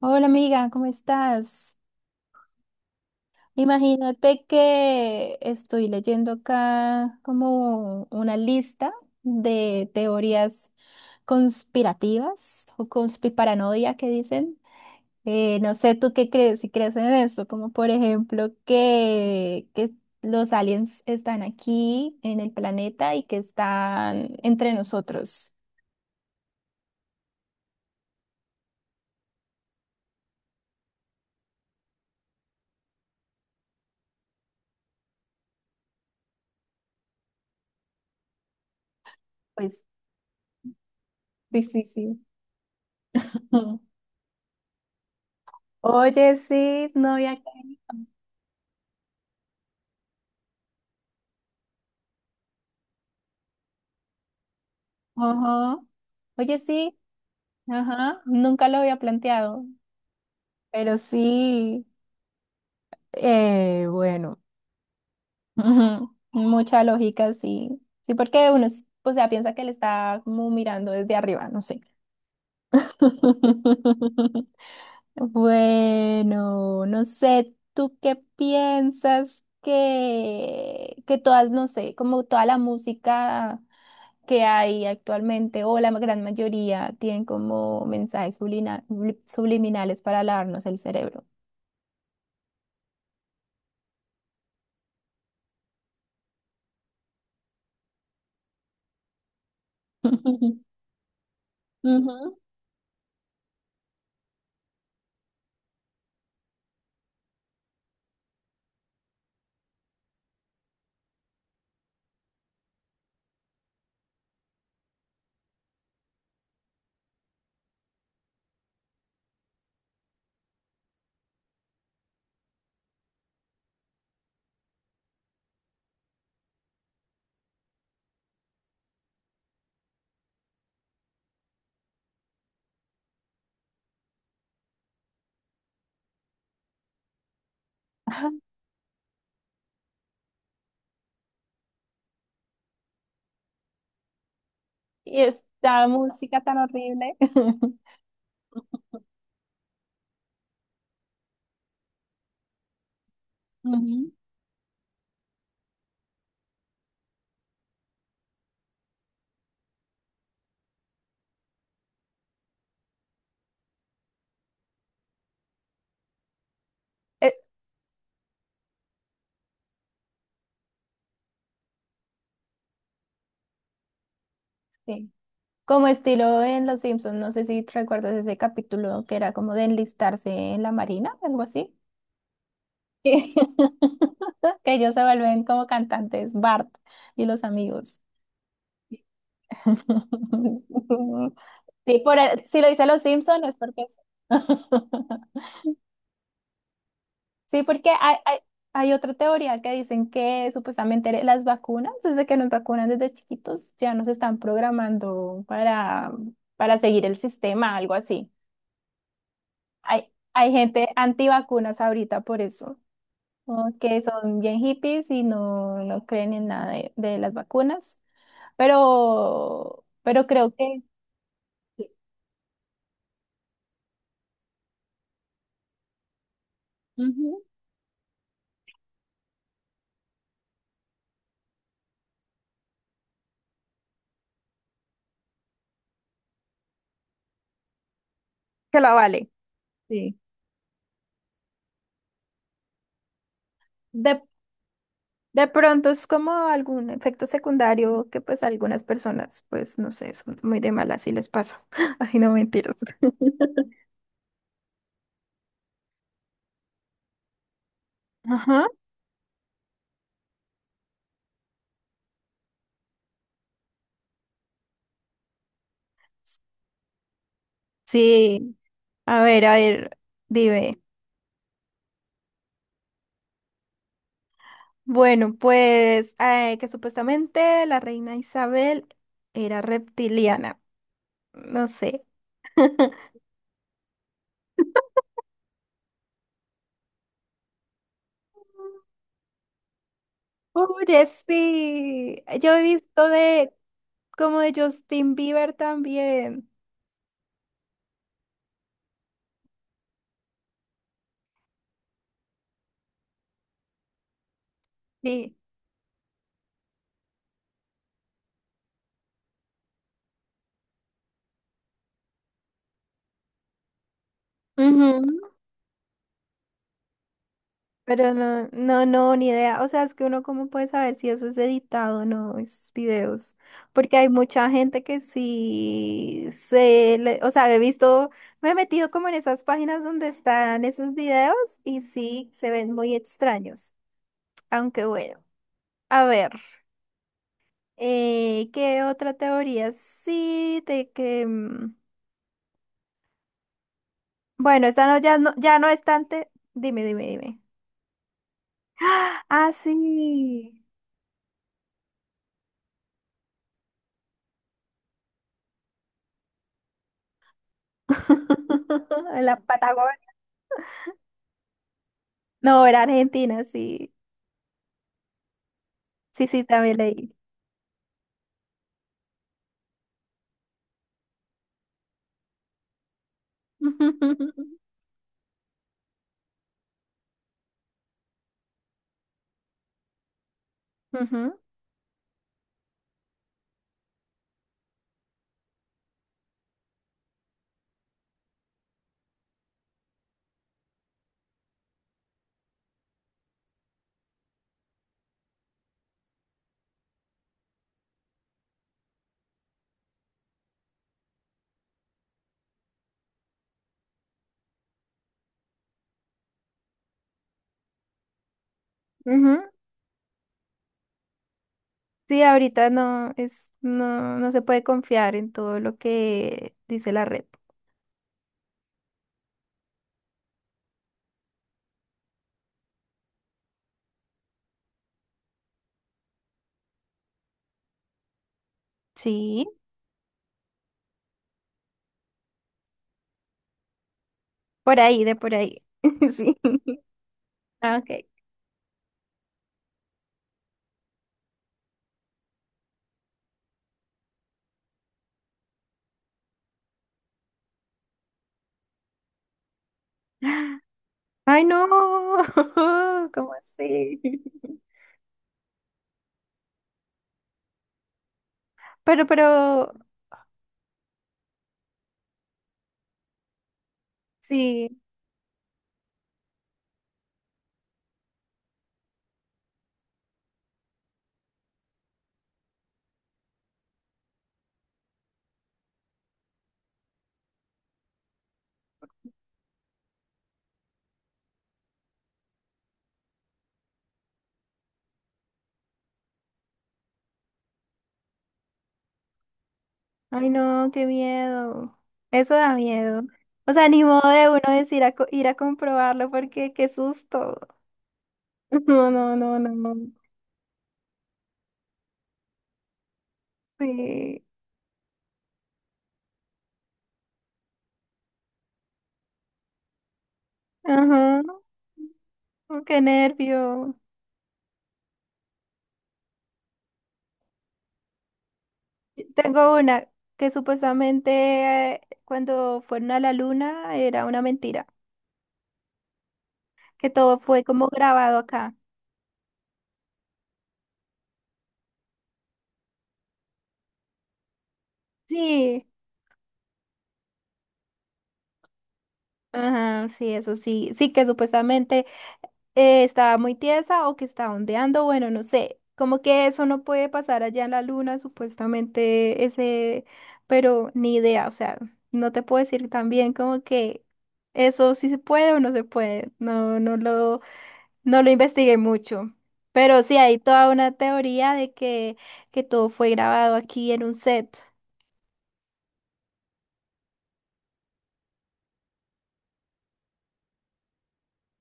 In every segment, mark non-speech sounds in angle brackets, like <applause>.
Hola amiga, ¿cómo estás? Imagínate que estoy leyendo acá como una lista de teorías conspirativas o conspiparanoia que dicen. No sé tú qué crees, si crees en eso, como por ejemplo que los aliens están aquí en el planeta y que están entre nosotros. Pues sí, sí, sí. <laughs> Ujú. Oye, sí, no había... Ajá. Oye, sí. Ajá, nunca lo había planteado, pero sí, bueno, <laughs> ujú, mucha lógica, sí. Sí, porque uno, o sea, piensa que le está como mirando desde arriba, no sé. <laughs> Bueno, no sé, ¿tú qué piensas que todas, no sé, como toda la música que hay actualmente o la gran mayoría tienen como mensajes subliminales para lavarnos el cerebro? <laughs> Ujú. Ujú. Ajá. Y esta música tan horrible. <laughs> Ujú. Eh, Sí. Como estilo en Los Simpsons, no sé si recuerdas ese capítulo que era como de enlistarse en la marina, algo así. Que, <laughs> que ellos se vuelven como cantantes, Bart y los amigos. <laughs> Sí, si lo dice Los Simpsons es porque... <laughs> Sí, porque hay otra teoría que dicen que supuestamente las vacunas, desde que nos vacunan desde chiquitos, ya nos están programando para seguir el sistema, algo así. Hay gente antivacunas ahorita por eso, como que son bien hippies y no, no creen en nada de, de las vacunas, pero creo que, sí. Ujú. Que la vale. Sí. De, De pronto es como algún efecto secundario que pues a algunas personas, pues no sé, son muy de malas y les pasa. <laughs> Ay, no mentiras. <laughs> Ajá. Sí, a ver, dime. Bueno, pues que supuestamente la reina Isabel era reptiliana. No sé. <laughs> Oye, sí. Yo he visto de como de Justin Bieber también. Sí. Pero no, no, no, ni idea. O sea, es que uno cómo puede saber si eso es editado o no, esos videos. Porque hay mucha gente que sí se le, o sea, he visto, me he metido como en esas páginas donde están esos videos y sí se ven muy extraños. Aunque bueno, a ver, ¿qué otra teoría? Sí, de que, mm, bueno, esa no, ya no es tan te. Dime, dime, dime. Ah, ah, sí. <laughs> En la Patagonia. No, era Argentina, sí. Sí, sí, también leí. <laughs> Ujú, ujú. Sí, ahorita no es, no, no se puede confiar en todo lo que dice la red. Sí, por ahí, de por ahí. <laughs> Sí. Ah, ok. Ay, no. <laughs> ¿Cómo así? <laughs> Pero, sí. Ay, no, qué miedo. Eso da miedo. O sea, ni modo de uno decir ir a comprobarlo porque qué susto. <laughs> No, no, no, no, no. Sí, ajá, oh, qué nervio. Tengo una que supuestamente cuando fueron a la luna era una mentira, que todo fue como grabado acá. Sí, ajá, sí, eso sí, sí que supuestamente estaba muy tiesa o que estaba ondeando, bueno, no sé, como que eso no puede pasar allá en la luna, supuestamente ese, pero ni idea, o sea, no te puedo decir también como que eso sí se puede o no se puede, no, no lo investigué mucho. Pero sí, hay toda una teoría de que todo fue grabado aquí en un set.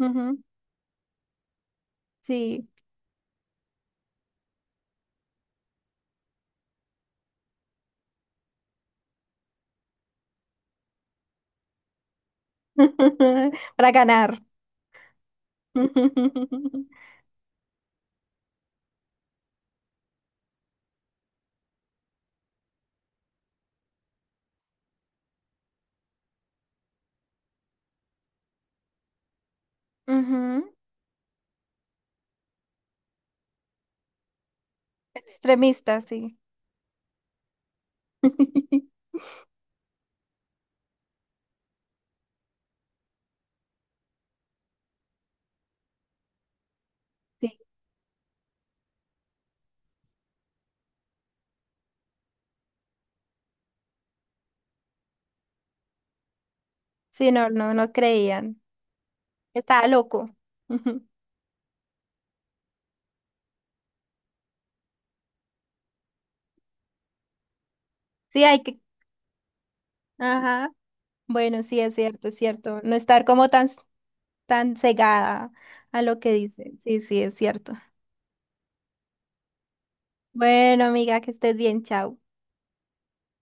Ujú, sí. <laughs> Para ganar. <laughs> Ujú. Extremista, sí. <laughs> Sí, no, no, no creían. Estaba loco. <laughs> Ujú. Sí, hay que. Ajá. Bueno, sí, es cierto, es cierto. No estar como tan, tan cegada a lo que dicen. Sí, sí, es cierto. Bueno, amiga, que estés bien, chao.